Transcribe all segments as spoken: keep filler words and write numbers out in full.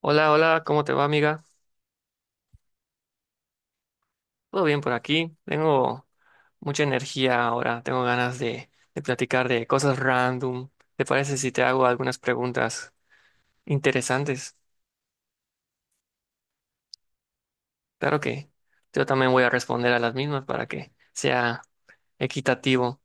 Hola, hola, ¿cómo te va, amiga? ¿Todo bien por aquí? Tengo mucha energía ahora, tengo ganas de, de platicar de cosas random. ¿Te parece si te hago algunas preguntas interesantes? Claro que yo también voy a responder a las mismas para que sea equitativo.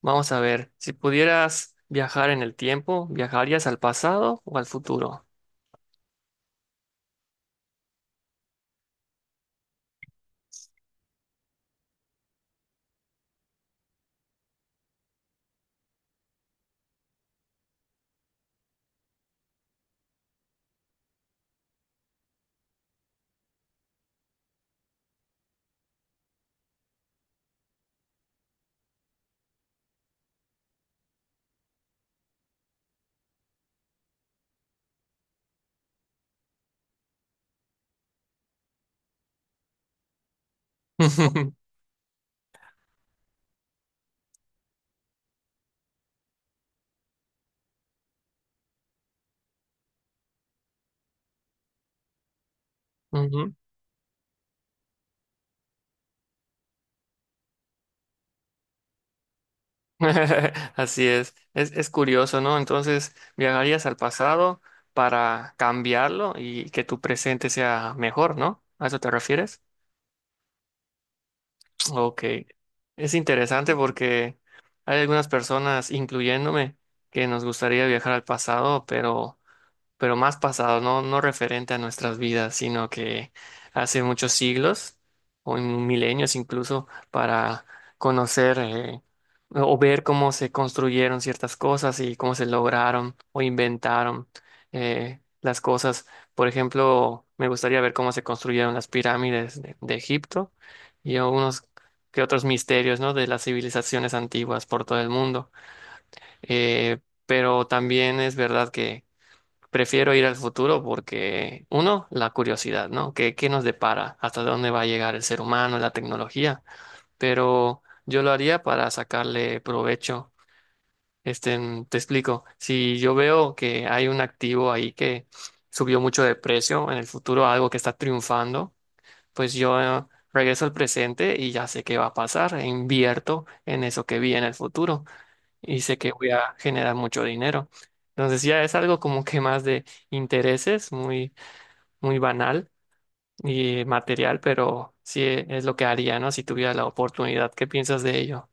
Vamos a ver, si pudieras viajar en el tiempo, ¿viajarías al pasado o al futuro? Ujú. Así es. es, es curioso, ¿no? Entonces, viajarías al pasado para cambiarlo y que tu presente sea mejor, ¿no? ¿A eso te refieres? Ok. Es interesante porque hay algunas personas, incluyéndome, que nos gustaría viajar al pasado, pero pero más pasado, no, no referente a nuestras vidas, sino que hace muchos siglos o en milenios incluso para conocer eh, o ver cómo se construyeron ciertas cosas y cómo se lograron o inventaron eh, las cosas. Por ejemplo, me gustaría ver cómo se construyeron las pirámides de, de Egipto y algunos que otros misterios, ¿no?, de las civilizaciones antiguas por todo el mundo. Eh, pero también es verdad, prefiero ir al futuro porque, uno, la curiosidad, ¿no? ¿Qué, qué nos depara? ¿Hasta dónde va a llegar el ser humano, la tecnología? Pero yo lo haría para sacarle provecho. Este, mm, te explico. Si yo veo que hay un activo ahí que subió mucho de precio en el futuro, algo que está triunfando, pues yo eh, regreso al presente y ya sé qué va a pasar, e invierto en eso que vi en el futuro y sé que voy a generar mucho dinero. Entonces ya es algo como que más de intereses, muy, muy banal y material, pero sí e- es lo que haría, ¿no? Si tuviera la oportunidad. ¿Qué piensas de ello?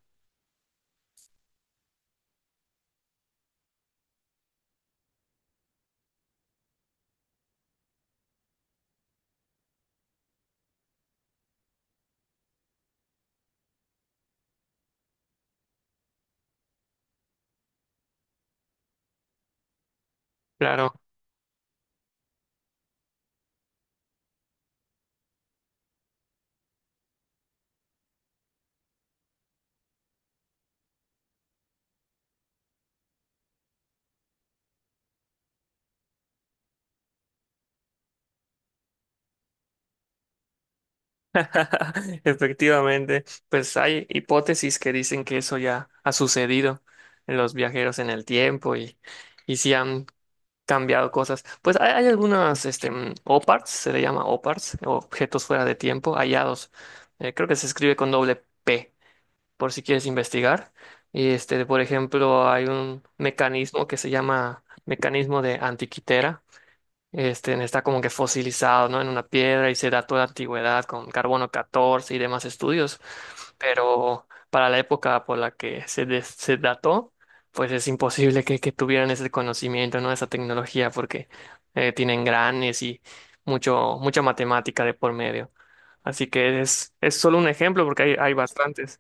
Claro. Efectivamente, pues hay hipótesis que dicen que eso ya ha sucedido en los viajeros en el tiempo y, y si han cambiado cosas. Pues hay, hay algunas, este, mm, oparts, se le llama oparts, objetos fuera de tiempo, hallados. Eh, creo que se escribe con doble P, por si quieres investigar. Y este, por ejemplo, hay un mecanismo que se llama mecanismo de antiquitera, este, está como que fosilizado, ¿no? En una piedra y se da toda la antigüedad con carbono catorce y demás estudios, pero para la época por la que se, des- se dató, pues es imposible que, que tuvieran ese conocimiento, ¿no? Esa tecnología porque eh, tienen granes y mucho, mucha matemática de por medio. Así que es, es solo un ejemplo porque hay, hay bastantes.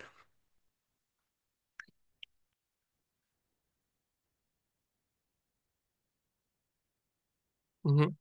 Ujú,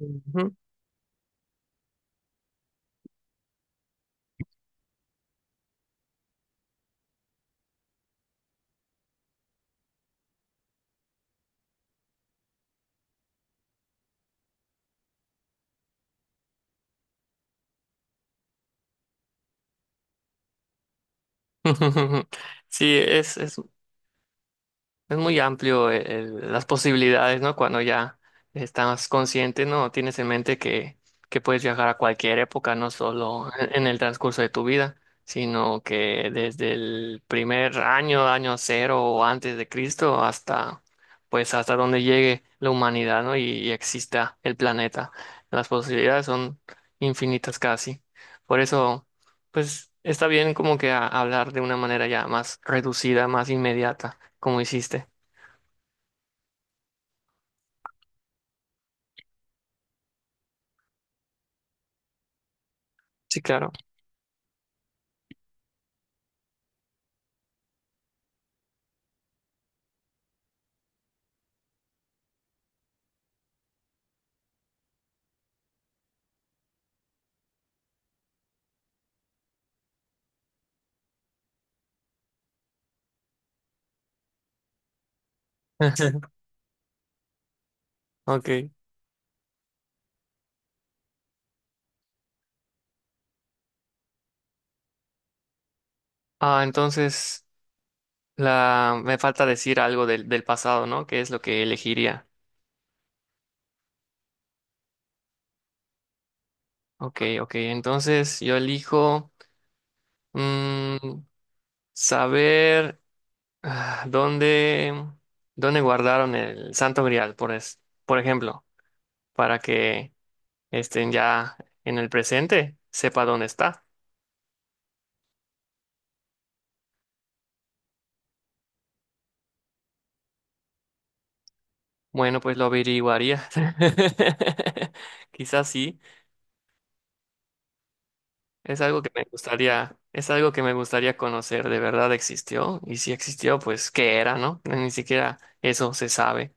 ujú. Sí, es, es. Es muy amplio el- el- las posibilidades, ¿no? Cuando ya estás consciente, ¿no? Tienes en mente que, que puedes viajar a cualquier época, no solo en, en el transcurso de tu vida, sino que desde el primer año, año cero o antes de Cristo, hasta, pues, hasta donde llegue la humanidad, ¿no? Y, y exista el planeta. Las posibilidades son infinitas casi. Por eso, pues, está bien como que a- hablar de una manera ya más reducida, más inmediata, como hiciste. Sí, claro. Ok. Ah, entonces la me falta decir algo del, del pasado, ¿no? ¿Qué es lo que elegiría? Ok, ok. Entonces yo elijo mm, saber ah, dónde, dónde guardaron el Santo Grial, por, es- por ejemplo, para que estén ya en el presente, sepa dónde está. Bueno, pues lo averiguaría. Quizás sí. Es algo que me gustaría, es algo que me gustaría conocer. ¿De verdad existió? Y si existió, pues, ¿qué era, no? Ni siquiera eso se sabe.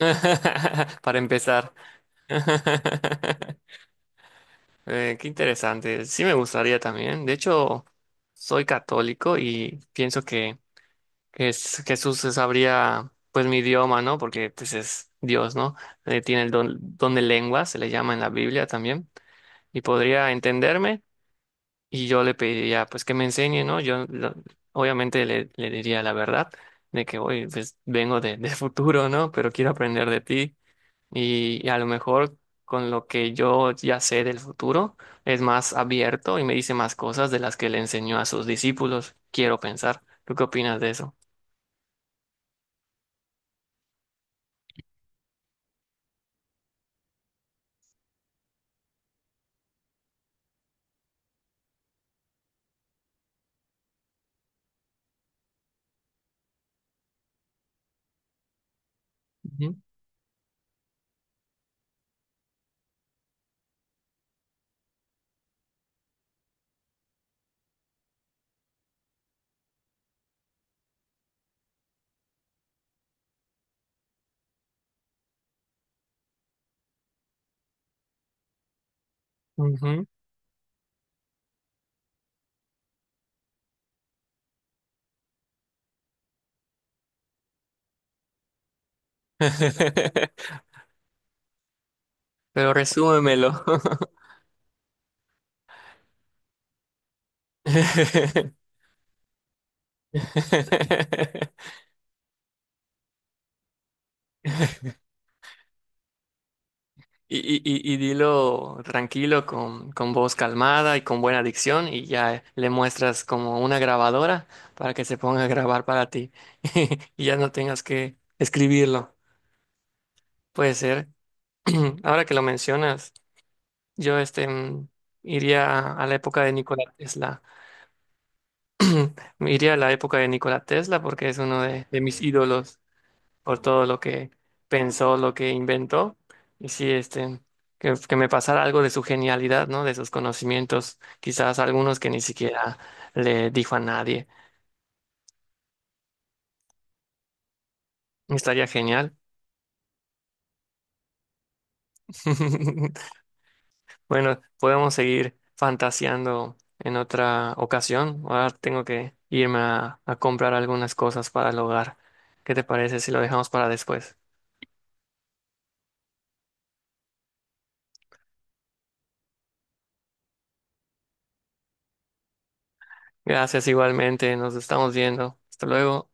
Para empezar. Eh, qué interesante. Sí me gustaría también. De hecho, soy católico y pienso que, que es- Jesús sabría pues mi idioma, ¿no? Porque pues es Dios, ¿no? Eh, tiene el don, don de lengua, se le llama en la Biblia también. Y podría entenderme. Y yo le pediría, pues, que me enseñe, ¿no? Yo lo- obviamente le, le diría la verdad de que, oye, pues, vengo de, de futuro, ¿no? Pero quiero aprender de ti. Y, y a lo mejor con lo que yo ya sé del futuro, es más abierto y me dice más cosas de las que le enseñó a sus discípulos. Quiero pensar. ¿Tú qué opinas de eso? Ujú, ujú. Pero resúmemelo. Y, y, y- y dilo tranquilo, con, con voz calmada y con buena dicción, y ya le muestras como una grabadora para que se ponga a grabar para ti y ya no tengas que escribirlo. Puede ser. Ahora que lo mencionas, yo este, mm, iría a la época de Nikola Tesla. Me iría a la época de Nikola Tesla porque es uno de, de mis ídolos, por todo lo que pensó, lo que inventó. Y sí, este, que, que me pasara algo de su genialidad, ¿no? De sus conocimientos, quizás algunos que ni siquiera le dijo a nadie. Estaría genial. Bueno, podemos seguir fantaseando en otra ocasión. Ahora tengo que irme a, a comprar algunas cosas para el hogar. ¿Qué te parece si lo dejamos para después? Gracias igualmente, nos estamos viendo. Hasta luego.